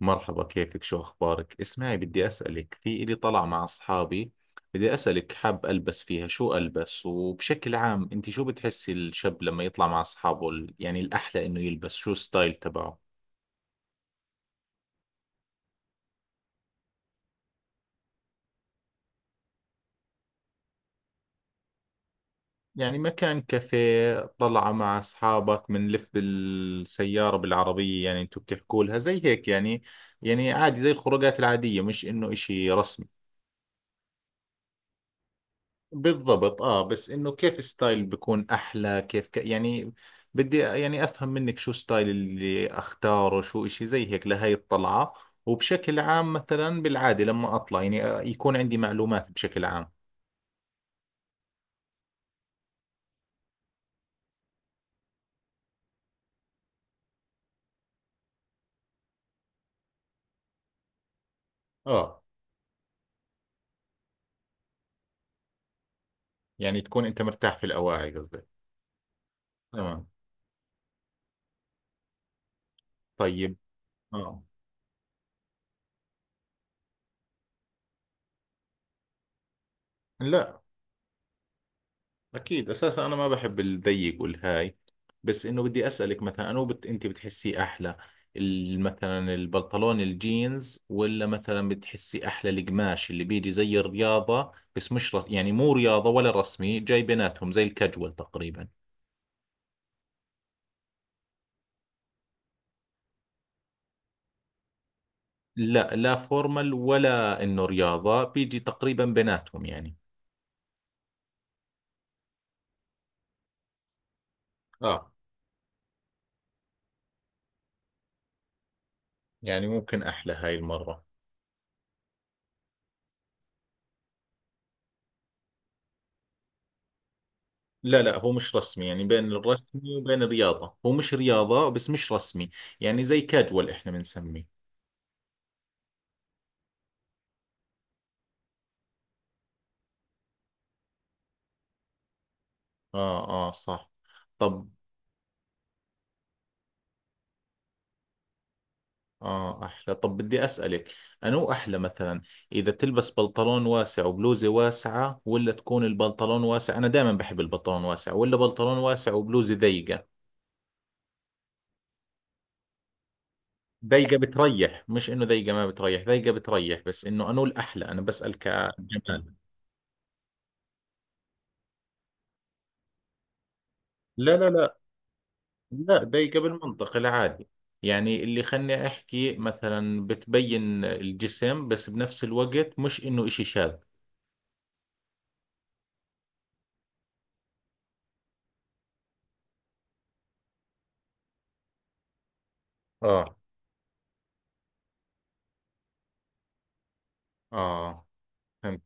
مرحبا، كيفك؟ شو أخبارك؟ اسمعي، بدي أسألك في إلي طلع مع أصحابي. بدي أسألك، حاب ألبس فيها، شو ألبس؟ وبشكل عام أنت شو بتحسي الشاب لما يطلع مع أصحابه يعني الأحلى إنه يلبس؟ شو ستايل تبعه؟ يعني مكان كافيه، طلعة مع أصحابك، بنلف بالسيارة، بالعربية، يعني أنتوا بتحكوا لها زي هيك يعني. يعني عادي زي الخروجات العادية، مش إنه إشي رسمي. بالضبط، اه، بس انه كيف ستايل بيكون احلى؟ يعني بدي يعني افهم منك شو ستايل اللي اختاره، شو اشي زي هيك لهي الطلعة. وبشكل عام مثلا بالعادة لما اطلع يعني آه، يكون عندي معلومات بشكل عام. اه. يعني تكون انت مرتاح في الاواعي، قصدي. تمام. طيب. اه. لا، أكيد، أساسا أنا ما بحب الضيق والهاي. بس إنه بدي أسألك مثلا، أنت بتحسيه أحلى مثلا البنطلون الجينز؟ ولا مثلا بتحسي أحلى القماش اللي بيجي زي الرياضة، بس مش رس... يعني مو رياضة ولا رسمي، جاي بيناتهم، زي الكاجوال تقريبا. لا لا، فورمال ولا إنه رياضة، بيجي تقريبا بيناتهم يعني. آه، يعني ممكن أحلى هاي المرة. لا لا، هو مش رسمي، يعني بين الرسمي وبين الرياضة، هو مش رياضة بس مش رسمي. يعني زي كاجوال احنا بنسميه. اه اه، صح. طب، اه، احلى. طب بدي اسألك، انو احلى مثلا اذا تلبس بنطلون واسع وبلوزة واسعة، ولا تكون البنطلون واسع؟ انا دائما بحب البنطلون واسع. ولا بنطلون واسع وبلوزة ضيقة؟ ضيقة بتريح، مش انه ضيقة ما بتريح، ضيقة بتريح، بس انه انو الاحلى، انا بسأل كجمال. لا لا لا، لا ضيقة بالمنطق العادي، يعني اللي خلني أحكي مثلا بتبين الجسم، بس بنفس الوقت مش إنه إشي شاذ. اه. آه، فهمت.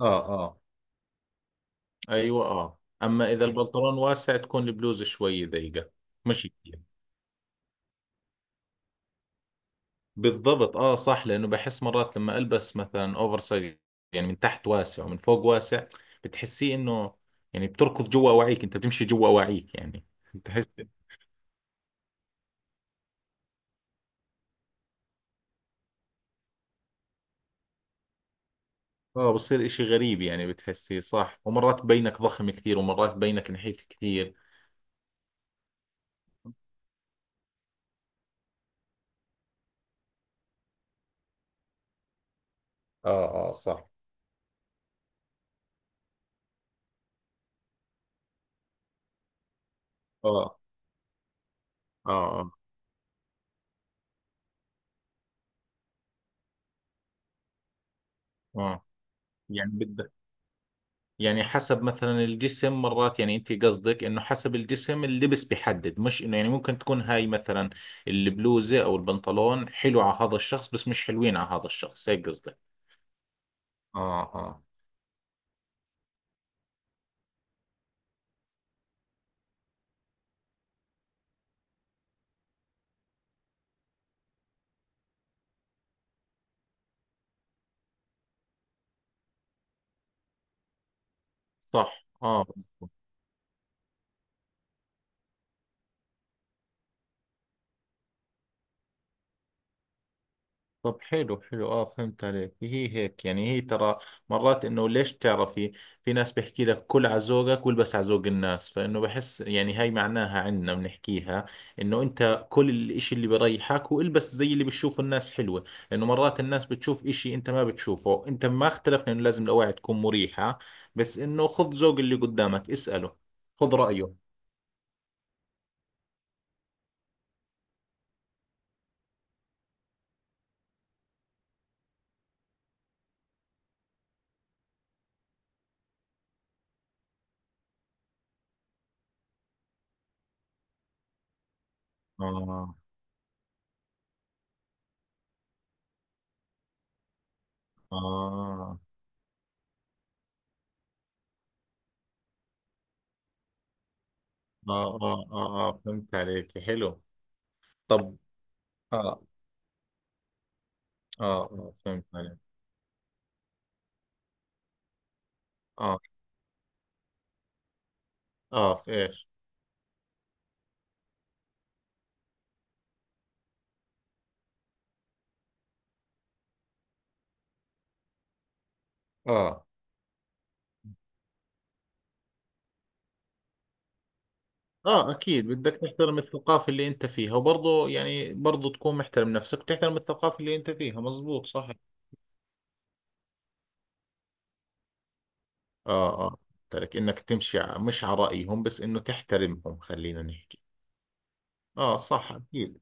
آه آه. أيوة، آه، أما إذا البنطلون واسع تكون البلوزة شوي ضيقة، مش كتير. بالضبط، آه صح، لأنه بحس مرات لما ألبس مثلا أوفر سايز، يعني من تحت واسع ومن فوق واسع، بتحسيه إنه، يعني بتركض جوا أواعيك، أنت بتمشي جوا أواعيك يعني. بتحس. اه، بصير اشي غريب يعني، بتحسيه صح، ومرات بينك ضخم كثير، ومرات بينك نحيف كثير. اه اه صح. اه اه اه. اه. يعني بدك، يعني حسب مثلا الجسم مرات، يعني انت قصدك انه حسب الجسم اللبس بيحدد، مش انه، يعني ممكن تكون هاي مثلا البلوزة او البنطلون حلو على هذا الشخص بس مش حلوين على هذا الشخص، هيك قصدك؟ اه اه صح. اه. طب حلو حلو، اه، فهمت عليك. هي هيك يعني، هي ترى مرات انه ليش بتعرفي، في ناس بيحكي لك كل على ذوقك والبس على ذوق الناس، فانه بحس يعني، هاي معناها عنا بنحكيها، انه انت كل الاشي اللي بريحك والبس زي اللي بتشوفه الناس حلوة. لانه مرات الناس بتشوف اشي انت ما بتشوفه. انت ما اختلفنا انه لازم الاواعي تكون مريحة، بس انه خذ ذوق اللي قدامك، اسأله، خذ رأيه. اه اه اه. اه اه، آه. فهمت عليك، حلو. طب. آه. اه اه فهمت عليك. اه اه، في ايش؟ اه اه اكيد، بدك تحترم الثقافة اللي انت فيها، وبرضه يعني برضه تكون محترم نفسك وتحترم الثقافة اللي انت فيها، مزبوط، صح. اه اه. ترك انك تمشي مش على رأيهم، بس انه تحترمهم، خلينا نحكي. اه صح، اكيد.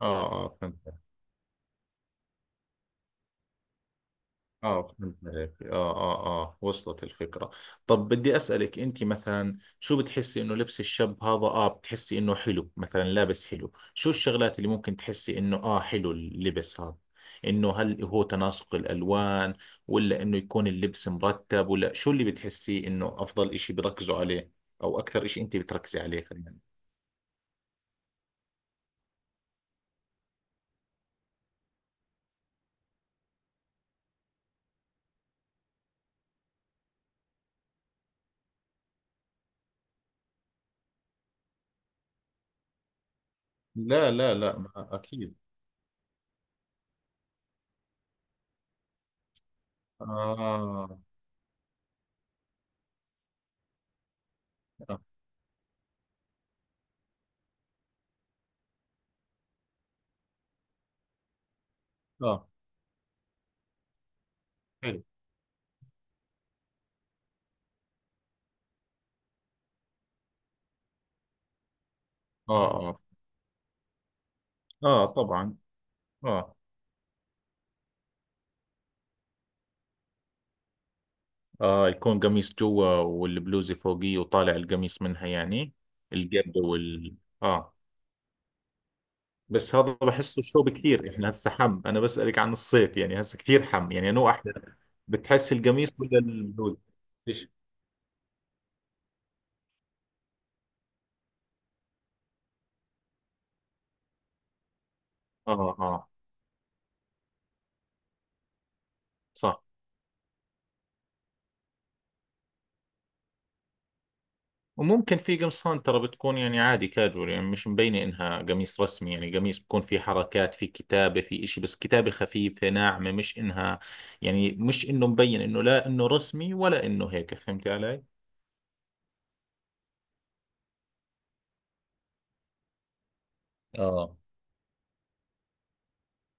اه اه فهمت. اه فهمت عليك، اه اه اه، وصلت الفكرة. طب بدي أسألك، انت مثلا شو بتحسي انه لبس الشاب هذا، اه، بتحسي انه حلو؟ مثلا لابس حلو، شو الشغلات اللي ممكن تحسي انه اه حلو اللبس هذا؟ انه هل هو تناسق الألوان، ولا انه يكون اللبس مرتب، ولا شو اللي بتحسي انه افضل اشي بركزوا عليه، او اكثر اشي انت بتركزي عليه، خلينا. لا لا لا، اكيد. اه اه، آه. حلو. اه اه اه، طبعا. اه. آه، يكون قميص جوا والبلوزة فوقيه، وطالع القميص منها يعني، الجبة وال، آه. بس هذا بحسه شوب كثير، احنا هسه حم، انا بسألك عن الصيف، يعني هسه كثير حم، يعني انو احلى، بتحس القميص ولا البلوزة؟ ليش؟ اه اه صح. وممكن في قمصان ترى بتكون يعني عادي كاجوال، يعني مش مبينة انها قميص رسمي، يعني قميص بكون في حركات، في كتابة، في اشي، بس كتابة خفيفة ناعمة، مش انها، يعني مش انه مبين انه لا انه رسمي ولا انه هيك، فهمتي علي؟ اه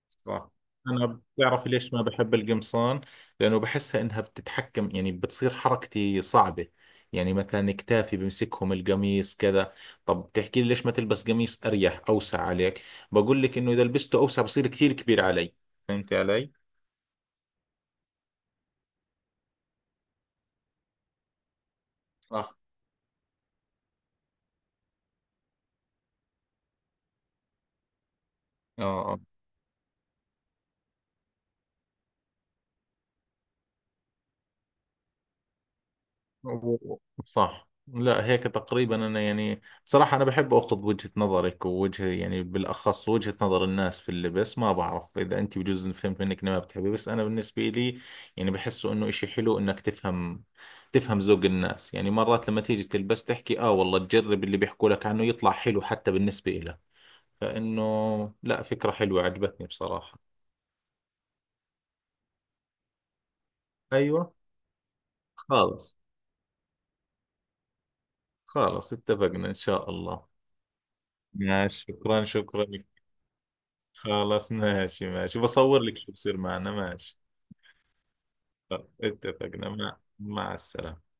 صح. أنا بتعرف ليش ما بحب القمصان؟ لأنه بحسها إنها بتتحكم، يعني بتصير حركتي صعبة، يعني مثلا كتافي بمسكهم القميص كذا. طب بتحكي لي ليش ما تلبس قميص أريح أوسع عليك؟ بقول لك إنه إذا لبسته أوسع بصير كثير كبير علي، فهمتي علي؟ صح. اه. و- صح، لا هيك تقريبا انا، يعني صراحة انا بحب اخذ وجهة نظرك ووجه يعني بالاخص وجهة نظر الناس في اللبس. ما بعرف اذا انت بجوز فهمت منك إني ما بتحبي، بس انا بالنسبة لي يعني بحسه انه اشي حلو انك تفهم، تفهم ذوق الناس، يعني مرات لما تيجي تلبس تحكي اه والله تجرب اللي بيحكوا لك عنه، يطلع حلو حتى بالنسبة لك، فانه لا، فكرة حلوة عجبتني بصراحة. ايوه. خالص. خالص، اتفقنا، ان شاء الله. ماشي، شكرا شكرا. خلاص، ماشي ماشي، بصور لك شو بصير معنا، ماشي. خلاص، اتفقنا، مع السلامة.